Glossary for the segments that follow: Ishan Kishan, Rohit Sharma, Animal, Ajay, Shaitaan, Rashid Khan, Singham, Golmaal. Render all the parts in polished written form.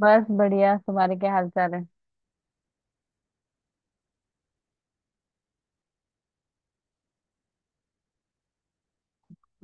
बस बढ़िया। तुम्हारे क्या हाल चाल है?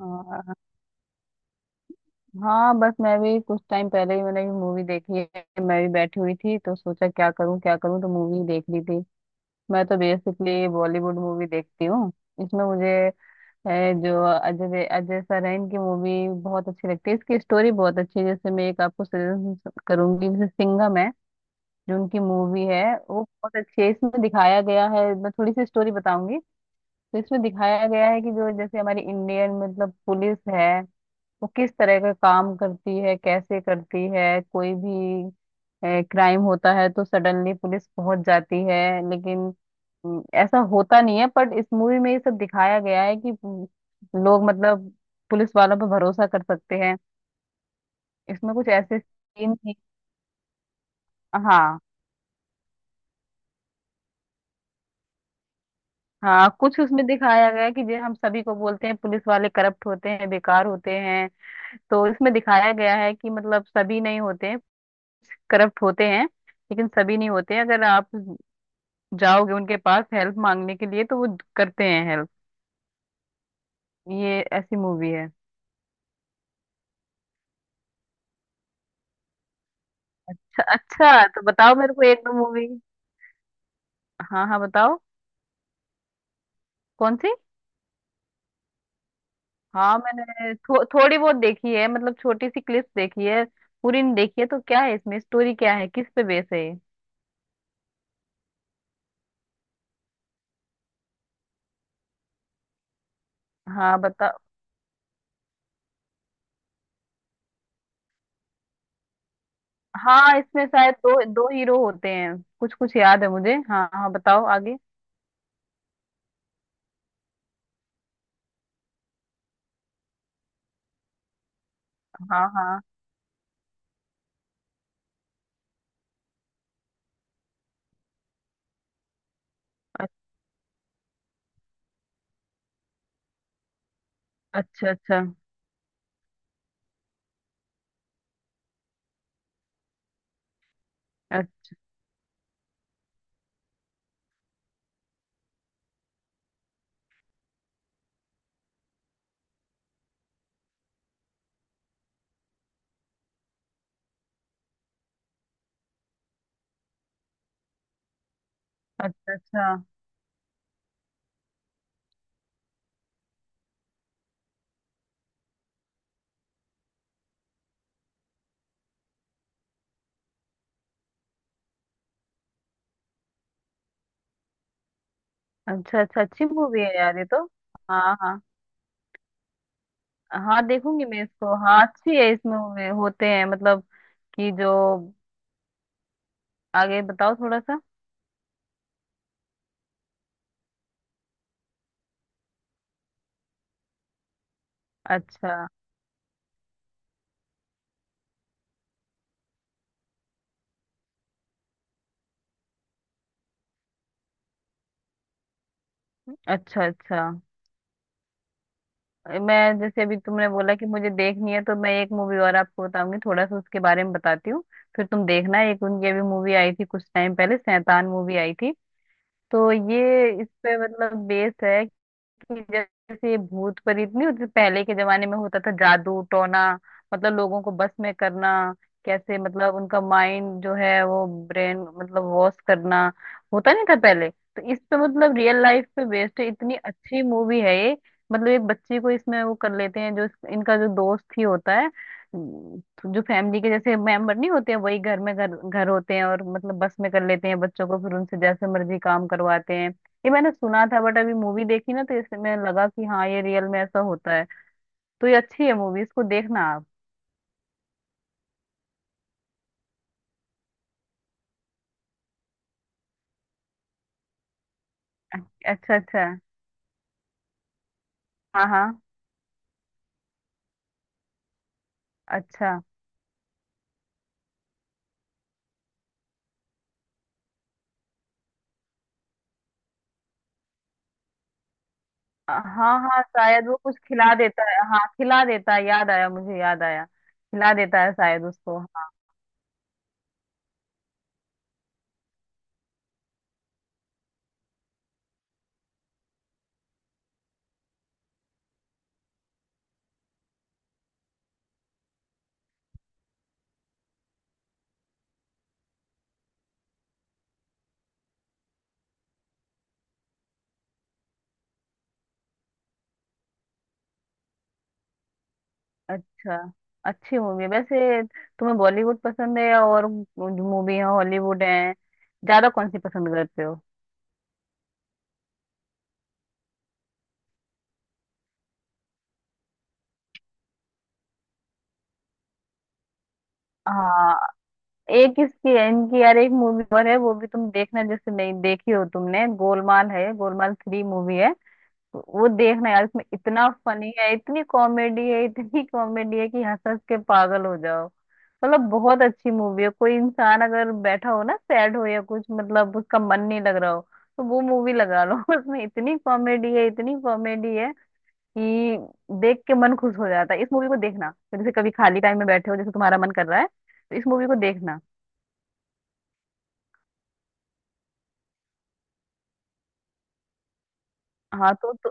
और हाँ, बस मैं भी कुछ टाइम पहले ही मैंने भी मूवी देखी है। मैं भी बैठी हुई थी तो सोचा क्या करूँ क्या करूँ, तो मूवी देख ली थी। मैं तो बेसिकली बॉलीवुड मूवी देखती हूँ। इसमें मुझे जो अजय अजय सर हैं, इनकी मूवी बहुत अच्छी लगती है। इसकी स्टोरी बहुत अच्छी है। जैसे मैं एक आपको सजेशन करूंगी, जैसे सिंघम है, जो उनकी मूवी है। वो बहुत अच्छी है। इसमें दिखाया गया है, मैं थोड़ी सी स्टोरी बताऊंगी। तो इसमें दिखाया गया है कि जो जैसे हमारी इंडियन मतलब पुलिस है, वो किस तरह का काम करती है, कैसे करती है। कोई भी क्राइम होता है तो सडनली पुलिस पहुंच जाती है, लेकिन ऐसा होता नहीं है। बट इस मूवी में ये सब दिखाया गया है कि लोग मतलब पुलिस वालों पर भरोसा कर सकते हैं। इसमें कुछ ऐसे सीन थी। हाँ, हाँ, कुछ उसमें दिखाया गया है कि जो हम सभी को बोलते हैं पुलिस वाले करप्ट होते हैं, बेकार होते हैं। तो इसमें दिखाया गया है कि मतलब सभी नहीं होते हैं करप्ट होते हैं, लेकिन सभी नहीं होते हैं। अगर आप जाओगे उनके पास हेल्प मांगने के लिए, तो वो करते हैं हेल्प। ये ऐसी मूवी है। अच्छा, तो बताओ मेरे को एक दो मूवी। हाँ, हाँ, बताओ। कौन सी? हाँ, मैंने थोड़ी बहुत देखी है, मतलब छोटी सी क्लिप देखी है। पूरी नहीं देखी है, तो क्या है इसमें स्टोरी, क्या है किस पे बेस है ये? हाँ, बताओ। हाँ, इसमें शायद दो दो हीरो होते हैं, कुछ कुछ याद है मुझे। हाँ, हाँ, बताओ आगे। हाँ, हाँ। अ- अच्छा, अच्छा। अ- अच्छा, अच्छा। अच्छा, अच्छा। अच्छी मूवी है यार ये तो। हाँ, हाँ। हाँ, देखूंगी मैं इसको। हाँ, अच्छी है इसमें होते हैं, मतलब कि जो आगे बताओ थोड़ा सा। अच्छा, अच्छा, अच्छा। मैं जैसे अभी तुमने बोला कि मुझे देखनी है, तो मैं एक मूवी और आपको बताऊंगी, थोड़ा सा उसके बारे में बताती हूँ। फिर तुम देखना। एक उनकी अभी मूवी आई थी कुछ टाइम पहले, शैतान मूवी आई थी। तो ये इस पे मतलब बेस्ड है कि जैसे ये भूत प्रेत नहीं होते। पहले के जमाने में होता था जादू टोना, मतलब लोगों को बस में करना, कैसे मतलब उनका माइंड जो है वो ब्रेन मतलब वॉश करना, होता नहीं था पहले। तो इस पे मतलब रियल लाइफ पे बेस्ड है, इतनी अच्छी मूवी है ये। मतलब एक बच्ची को इसमें वो कर लेते हैं, जो इनका जो दोस्त ही होता है, उम, जो फैमिली के जैसे मेंबर नहीं होते हैं, वही घर में घर घर होते हैं और मतलब बस में कर लेते हैं बच्चों को, फिर उनसे जैसे मर्जी काम करवाते हैं। ये मैंने सुना था बट अभी मूवी देखी ना तो इससे मैं लगा कि हाँ ये रियल में ऐसा होता है। तो ये अच्छी है मूवी, इसको देखना आप। अच्छा, अच्छा। हाँ, हाँ। अच्छा। हाँ, हाँ, शायद वो कुछ खिला देता है, हाँ खिला देता है, याद आया मुझे, याद आया, खिला देता है शायद उसको, हाँ। अच्छा। अच्छी मूवी है वैसे। तुम्हें बॉलीवुड पसंद है और मूवी है, हॉलीवुड है, ज्यादा कौन सी पसंद करते हो? हाँ। एक किसकी है इनकी यार, एक मूवी और है वो भी तुम देखना, जैसे नहीं देखी हो तुमने, गोलमाल है, गोलमाल थ्री मूवी है। तो वो देखना यार, इसमें इतना फनी है, इतनी कॉमेडी है, इतनी कॉमेडी है कि हंस हंस के पागल हो जाओ। मतलब बहुत अच्छी मूवी है। कोई इंसान अगर बैठा हो ना, सैड हो या कुछ मतलब उसका मन नहीं लग रहा हो, तो वो मूवी लगा लो। उसमें इतनी कॉमेडी है, इतनी कॉमेडी है कि देख के मन खुश हो जाता है। इस मूवी को देखना, जैसे कभी खाली टाइम में बैठे हो, जैसे तुम्हारा मन कर रहा है, तो इस मूवी को देखना। हाँ, तो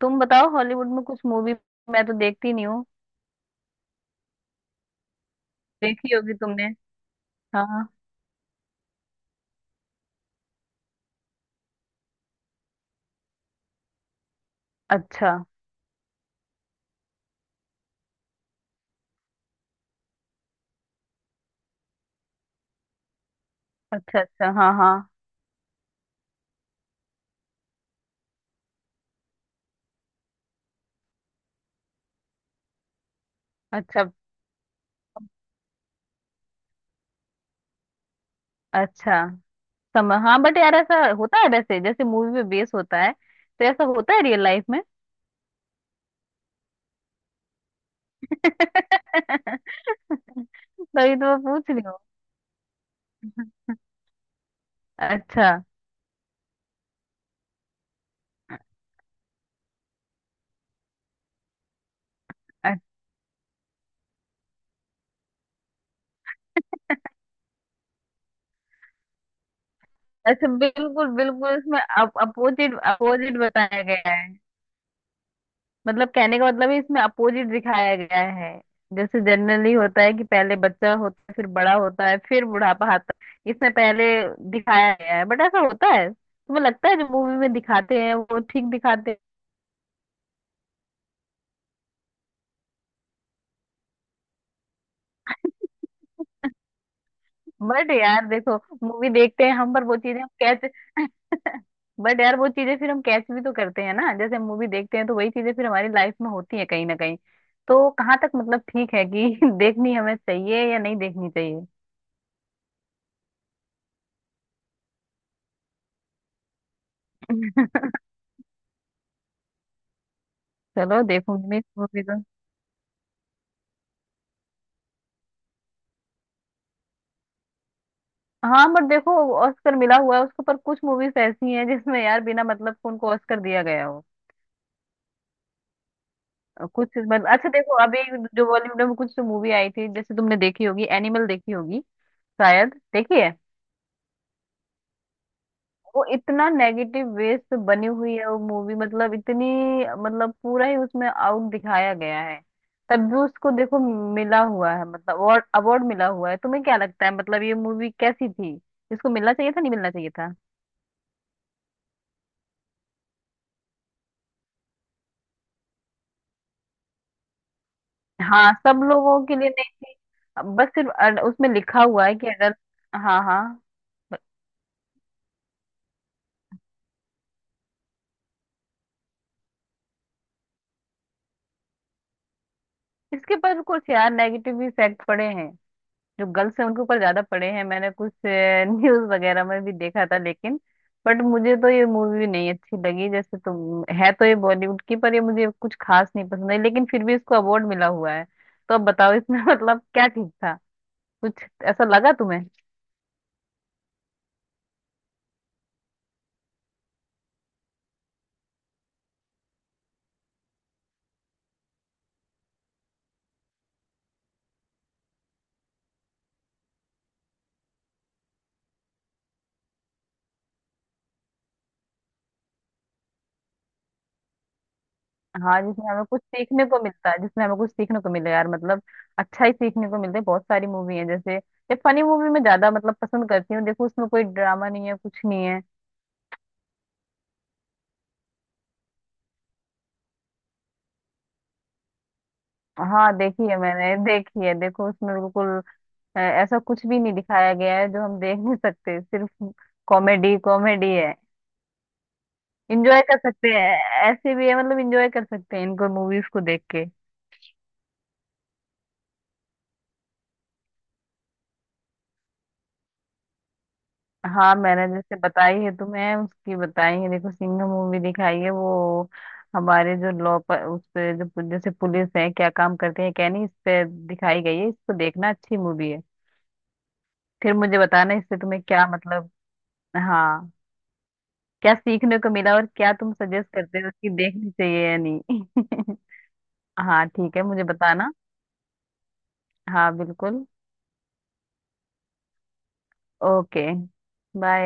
तुम बताओ हॉलीवुड में कुछ मूवी, मैं तो देखती नहीं हूँ, देखी होगी तुमने। हाँ। अच्छा, अच्छा, अच्छा। हाँ, हाँ। अच्छा, अच्छा। समझ, हाँ, बट यार ऐसा होता है वैसे, जैसे मूवी में बेस होता है तो ऐसा होता है रियल लाइफ में। तभी तो मैं पूछ रही हूँ। अच्छा, अच्छा। अच्छा, बिल्कुल बिल्कुल, इसमें अपोजिट अपोजिट बताया गया। मतलब कहने का मतलब है इसमें अपोजिट दिखाया गया है। जैसे जनरली होता है कि पहले बच्चा होता है फिर बड़ा होता है फिर बुढ़ापा आता है, इसमें पहले दिखाया गया है। बट ऐसा होता है, तुम्हें लगता है जो मूवी में दिखाते हैं वो ठीक दिखाते हैं? बट यार देखो मूवी देखते हैं हम, पर वो चीजें हम कैच बट यार वो चीजें फिर हम कैच भी तो करते हैं ना, जैसे मूवी देखते हैं तो वही चीजें फिर हमारी लाइफ में होती है कहीं ना कहीं। तो कहाँ तक मतलब ठीक है कि देखनी हमें चाहिए या नहीं देखनी चाहिए। चलो देखूंगी मैं इस मूवी को। हाँ, बट देखो ऑस्कर मिला हुआ है उसके पर, कुछ मूवीज ऐसी हैं जिसमें यार बिना मतलब को उनको ऑस्कर दिया गया हो। कुछ मतलब, अच्छा देखो अभी जो बॉलीवुड में कुछ मूवी आई थी, जैसे तुमने देखी होगी एनिमल देखी होगी, शायद देखी है। वो इतना नेगेटिव वे से बनी हुई है वो मूवी, मतलब इतनी मतलब पूरा ही उसमें आउट दिखाया गया है। तब भी उसको देखो मिला हुआ है, मतलब अवार्ड अवार्ड मिला हुआ है। तुम्हें क्या लगता है, मतलब ये मूवी कैसी थी? इसको मिलना चाहिए था, नहीं मिलना चाहिए था? हाँ, सब लोगों के लिए नहीं थी। अब बस सिर्फ उसमें लिखा हुआ है कि अडल्ट। हाँ, हाँ। इसके पर कुछ यार नेगेटिव इफेक्ट पड़े हैं, जो गर्ल्स हैं उनके ऊपर ज्यादा पड़े हैं, मैंने कुछ न्यूज वगैरह में भी देखा था। लेकिन बट मुझे तो ये मूवी नहीं अच्छी लगी, जैसे तुम है तो ये बॉलीवुड की, पर ये मुझे कुछ खास नहीं पसंद है, लेकिन फिर भी इसको अवार्ड मिला हुआ है। तो अब बताओ इसमें मतलब क्या ठीक था, कुछ ऐसा लगा तुम्हें? हाँ, जिसमें हमें कुछ सीखने को मिलता है, जिसमें हमें कुछ सीखने को मिले यार मतलब। अच्छा ही सीखने को मिलता है। बहुत सारी मूवी है, जैसे ये फनी मूवी मैं ज्यादा मतलब पसंद करती हूँ। देखो उसमें कोई ड्रामा नहीं है, कुछ नहीं है। हाँ देखी है, मैंने देखी है, देखो उसमें बिल्कुल ऐसा कुछ भी नहीं दिखाया गया है जो हम देख नहीं सकते, सिर्फ कॉमेडी कॉमेडी है। इंजॉय कर सकते हैं, ऐसे भी है मतलब इंजॉय कर सकते हैं इनको मूवीज को देख के। हाँ, मैंने जैसे बताई है तुम्हें, उसकी बताई है देखो, सिंघम मूवी दिखाई है, वो हमारे जो लॉ पर, उस पे जो जैसे पुलिस है क्या काम करते हैं क्या नहीं, इस पे दिखाई गई है। इसको देखना, अच्छी मूवी है। फिर मुझे बताना इससे तुम्हें क्या मतलब। हाँ, क्या सीखने को मिला और क्या तुम सजेस्ट करते हो कि देखनी चाहिए या नहीं। हाँ, ठीक है, मुझे बताना। हाँ, बिल्कुल। ओके। बाय।